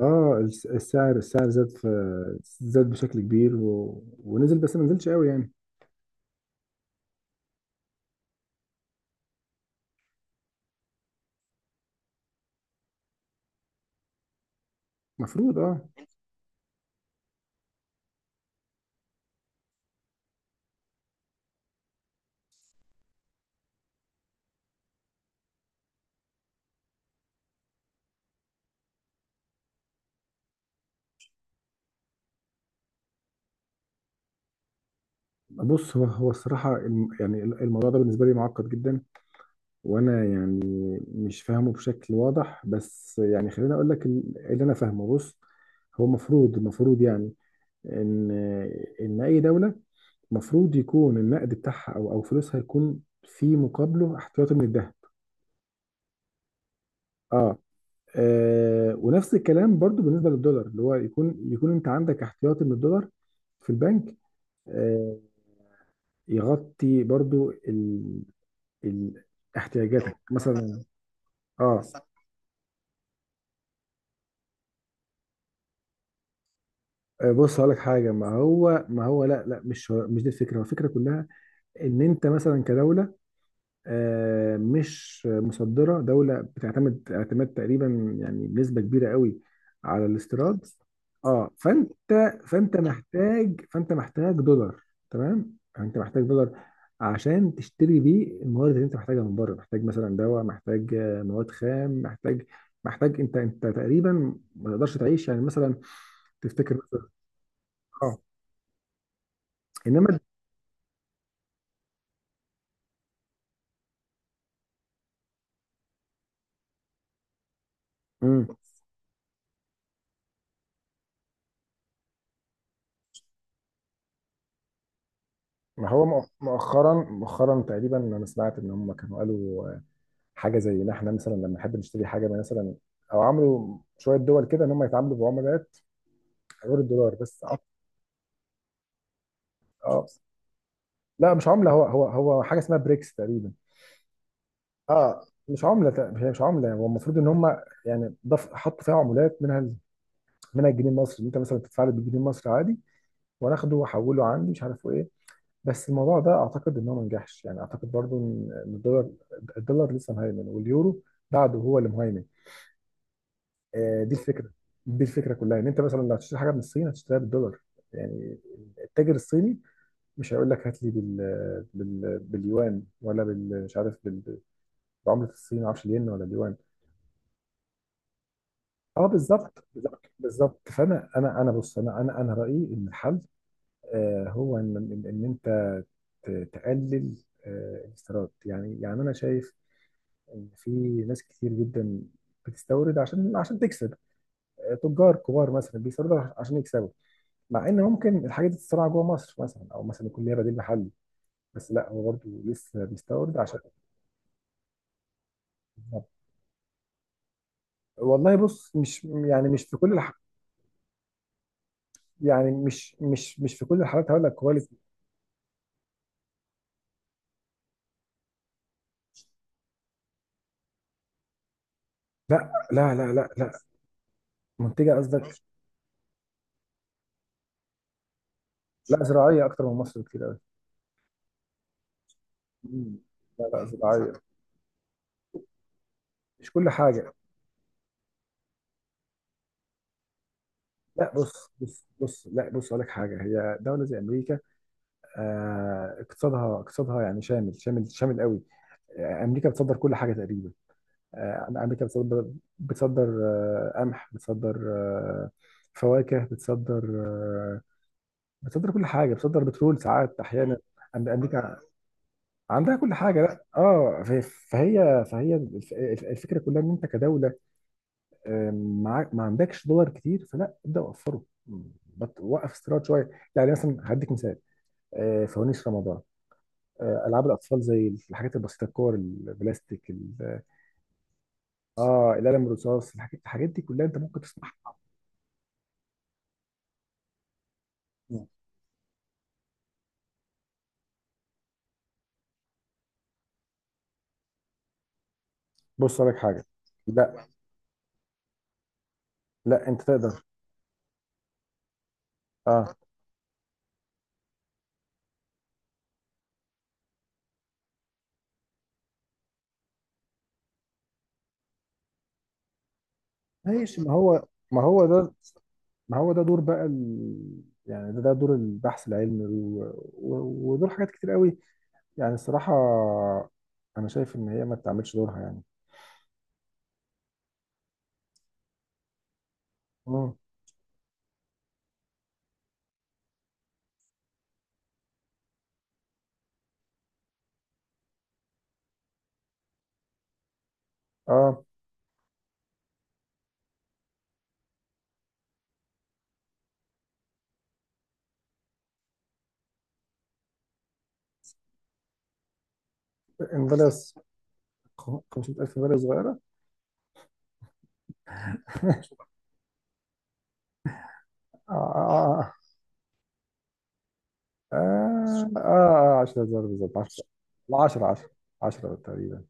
اه السعر زاد بشكل كبير ونزل، بس ما نزلش قوي يعني. المفروض بص، هو الصراحة، يعني الموضوع ده بالنسبة لي معقد جدا. وانا يعني مش فاهمه بشكل واضح، بس يعني خليني اقول لك اللي انا فاهمه. بص، هو المفروض، يعني ان ان اي دولة المفروض يكون النقد بتاعها او فلوسها يكون في مقابله احتياطي من الذهب. اه. آه، ونفس الكلام برضو بالنسبه للدولار، اللي هو يكون، انت عندك احتياطي من الدولار في البنك. آه، يغطي برضو ال... احتياجاتك مثلا. اه. آه، بص هقول لك حاجه. ما هو لا لا، مش دي الفكره، هو الفكره كلها ان انت مثلا كدوله. آه، مش مصدرة. دولة بتعتمد اعتماد تقريبا يعني بنسبة كبيرة قوي على الاستيراد. اه، فانت محتاج دولار. تمام، انت محتاج دولار عشان تشتري بيه الموارد اللي انت محتاجها من بره. محتاج مثلا دواء، محتاج مواد خام، محتاج. انت تقريبا ما تقدرش تعيش يعني مثلا. تفتكر مثلا. اه، انما. مم. ما هو مؤخرا تقريبا انا سمعت ان هم كانوا قالوا حاجه زي ان احنا مثلا لما نحب نشتري حاجه مثلا، او عملوا شويه دول كده ان هم يتعاملوا بعملات غير الدولار. بس اه. آه. لا مش عمله. هو هو حاجه اسمها بريكس تقريبا. اه، مش عمله تق- هي مش عمله. هو المفروض ان هم، يعني حطوا فيها عملات، منها الجنيه المصري. انت مثلا تدفع لي بالجنيه المصري عادي، وانا اخده واحوله عندي، مش عارف ايه. بس الموضوع ده اعتقد ان هو ما نجحش. يعني اعتقد برضو ان الدولار لسه مهيمن، واليورو بعده هو اللي مهيمن. آه، دي الفكره. دي الفكره كلها ان انت مثلا لو هتشتري حاجه من الصين هتشتريها بالدولار، يعني التاجر الصيني مش هيقول لك هات لي باليوان، مش عارف بعمله الصين، ما اعرفش الين ولا اليوان. اه بالظبط بالظبط بالظبط. فانا انا انا بص، انا رايي ان الحل، آه، هو ان انت تقلل آه الاستيراد. يعني، انا شايف ان في ناس كتير جدا بتستورد عشان تكسب. آه، تجار كبار مثلا بيستوردوا عشان يكسبوا، مع ان ممكن الحاجات دي تتصنع جوه مصر مثلا، او مثلا يكون ليها بديل محلي. بس لا، هو برضه لسه بيستورد عشان. والله بص، مش يعني مش في كل الح... يعني مش في كل الحالات هقول لك كواليتي. لا لا لا لا لا. منتجه قصدك؟ لا، زراعيه اكتر من مصر بكتير قوي. مم. لا لا، زراعيه. مش كل حاجه. لا بص، لا، بص اقول لك حاجه. هي دوله زي امريكا، آه، اقتصادها يعني شامل شامل شامل قوي. آه، امريكا بتصدر كل حاجه تقريبا. آه، امريكا بتصدر، بتصدر قمح، بتصدر فواكه، بتصدر بتصدر كل حاجه. بتصدر بترول ساعات، احيانا. امريكا عندها كل حاجه. لا اه فهي الفكره كلها ان انت كدوله، آه، معاك، ما عندكش دولار كتير، فلا ابدا وفره وقف استيراد شويه. يعني مثلا هديك مثال، آه، فوانيس رمضان، آه، العاب الاطفال، زي الحاجات البسيطه، الكور البلاستيك اه، القلم الرصاص. الحاجات دي كلها انت ممكن تصنعها. بص لك حاجه. لا، لا انت تقدر. اه ماشي. ما هو ده، ما هو ده دور بقى يعني، ده دور البحث العلمي و... ودور حاجات كتير قوي. يعني الصراحه، انا شايف ان هي ما تعملش دورها يعني. مم. اه، انفلاس. 500000 فيلا صغيره. آه آه آه آه آه. 10000، بالظبط 10. لا، 10 10. 10 تقريبا.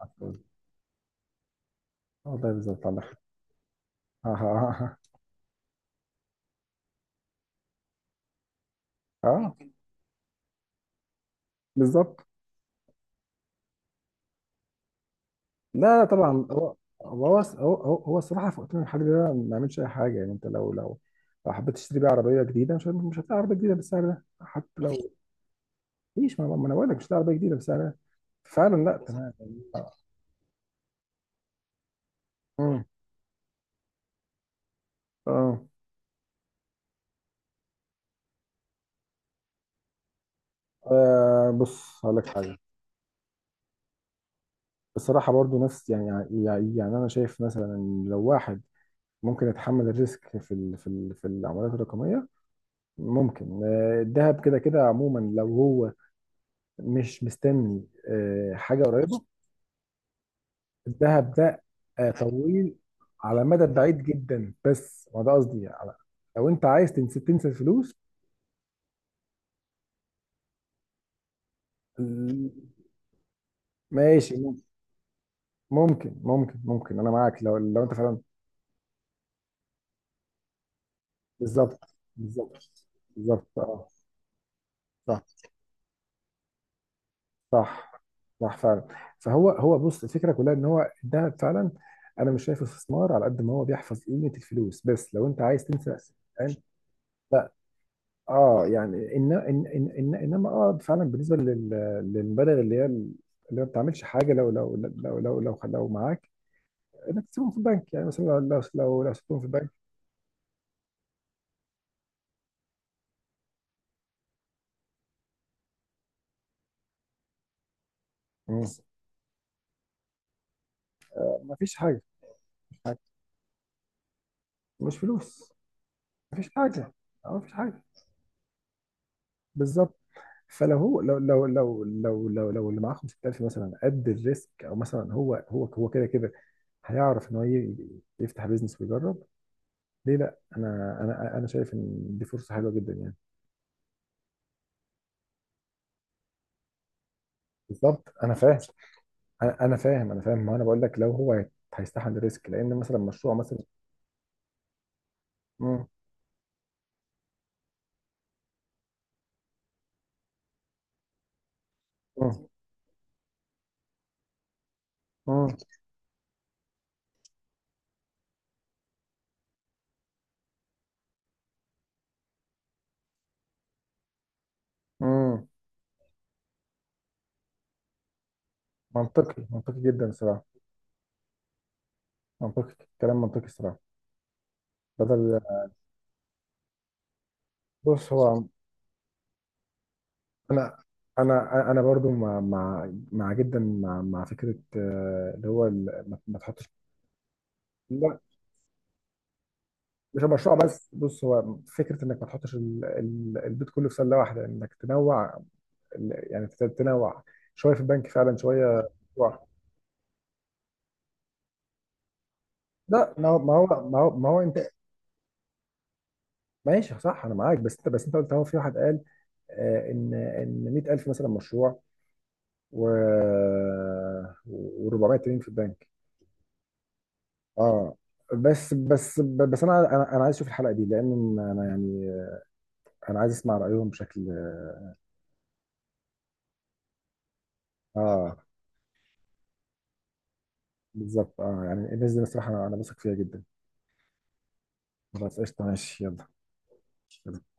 10، والله بالظبط عندك حق. آه آه آه آه. بالظبط. لا لا طبعا. هو الصراحه، في وقتنا الحالي ده ما بيعملش اي حاجه. يعني انت لو لو حبيت تشتري بيه عربيه جديده، مش هتلاقي عربيه جديده بالسعر ده، حتى لو مفيش. ما انا بقول لك مش هتلاقي عربيه جديده بالسعر ده فعلا. لا، تمام. مم. اه. آه، بص هقول لك حاجه، بصراحه برضو نفس يعني. يعني انا شايف مثلا إن لو واحد ممكن يتحمل الريسك في العملات الرقميه. ممكن الذهب كده كده عموما، لو هو مش مستني حاجه قريبه. الذهب ده، آه، طويل، على مدى بعيد جدا. بس ما ده قصدي، على لو انت عايز تنسى، تنسى الفلوس. ال- ماشي ممكن. ممكن انا معاك، لو انت فعلا بالظبط بالظبط بالظبط. اه صح، صح فعلا. فهو بص، الفكره كلها ان هو الذهب فعلا، انا مش شايف استثمار على قد ما هو بيحفظ قيمه الفلوس. بس لو انت عايز تنسى. فاهم. اه يعني، إن إن إن إن إنما اه فعلا بالنسبة للمبالغ اللي ما بتعملش حاجة، لو معاك إنك تسيبهم في البنك. يعني مثلا لو سبتهم في البنك. مم. ما فيش حاجة. مش فلوس، ما فيش حاجة. اه ما فيش حاجة. بالظبط. فلو هو لو اللي معاه 5000 مثلا قد الريسك، او مثلا هو كده كده هيعرف ان هو يفتح بيزنس ويجرب. ليه لا، انا شايف ان دي فرصه حلوه جدا يعني. بالظبط انا فاهم، انا أنا فاهم انا فاهم، ما انا بقول لك لو هو هيستحمل الريسك لان مثلا مشروع مثلا. مم. مم. مم. مم. منطقي، منطقي جدا صراحه. منطقي. كلام منطقي صراحه. بدل، بص هو، انا، انا برضو مع جدا، مع فكره، اللي هو ما تحطش. لا مش المشروع بس. بص، هو فكره انك ما تحطش البيت كله في سله واحده، انك تنوع يعني تنوع. شويه في البنك فعلا، شويه. شوية. لا، ما هو انت ماشي صح، انا معاك. بس انت، بس انت قلت اهو في واحد قال، آه، ان 100000 مثلا مشروع، و و400 تمرين في البنك. اه، بس انا عايز اشوف الحلقه دي، لان انا يعني انا عايز اسمع رايهم بشكل. اه بالظبط. اه يعني، الناس دي بصراحه انا بثق فيها جدا. خلاص، قشطه، ماشي. يلا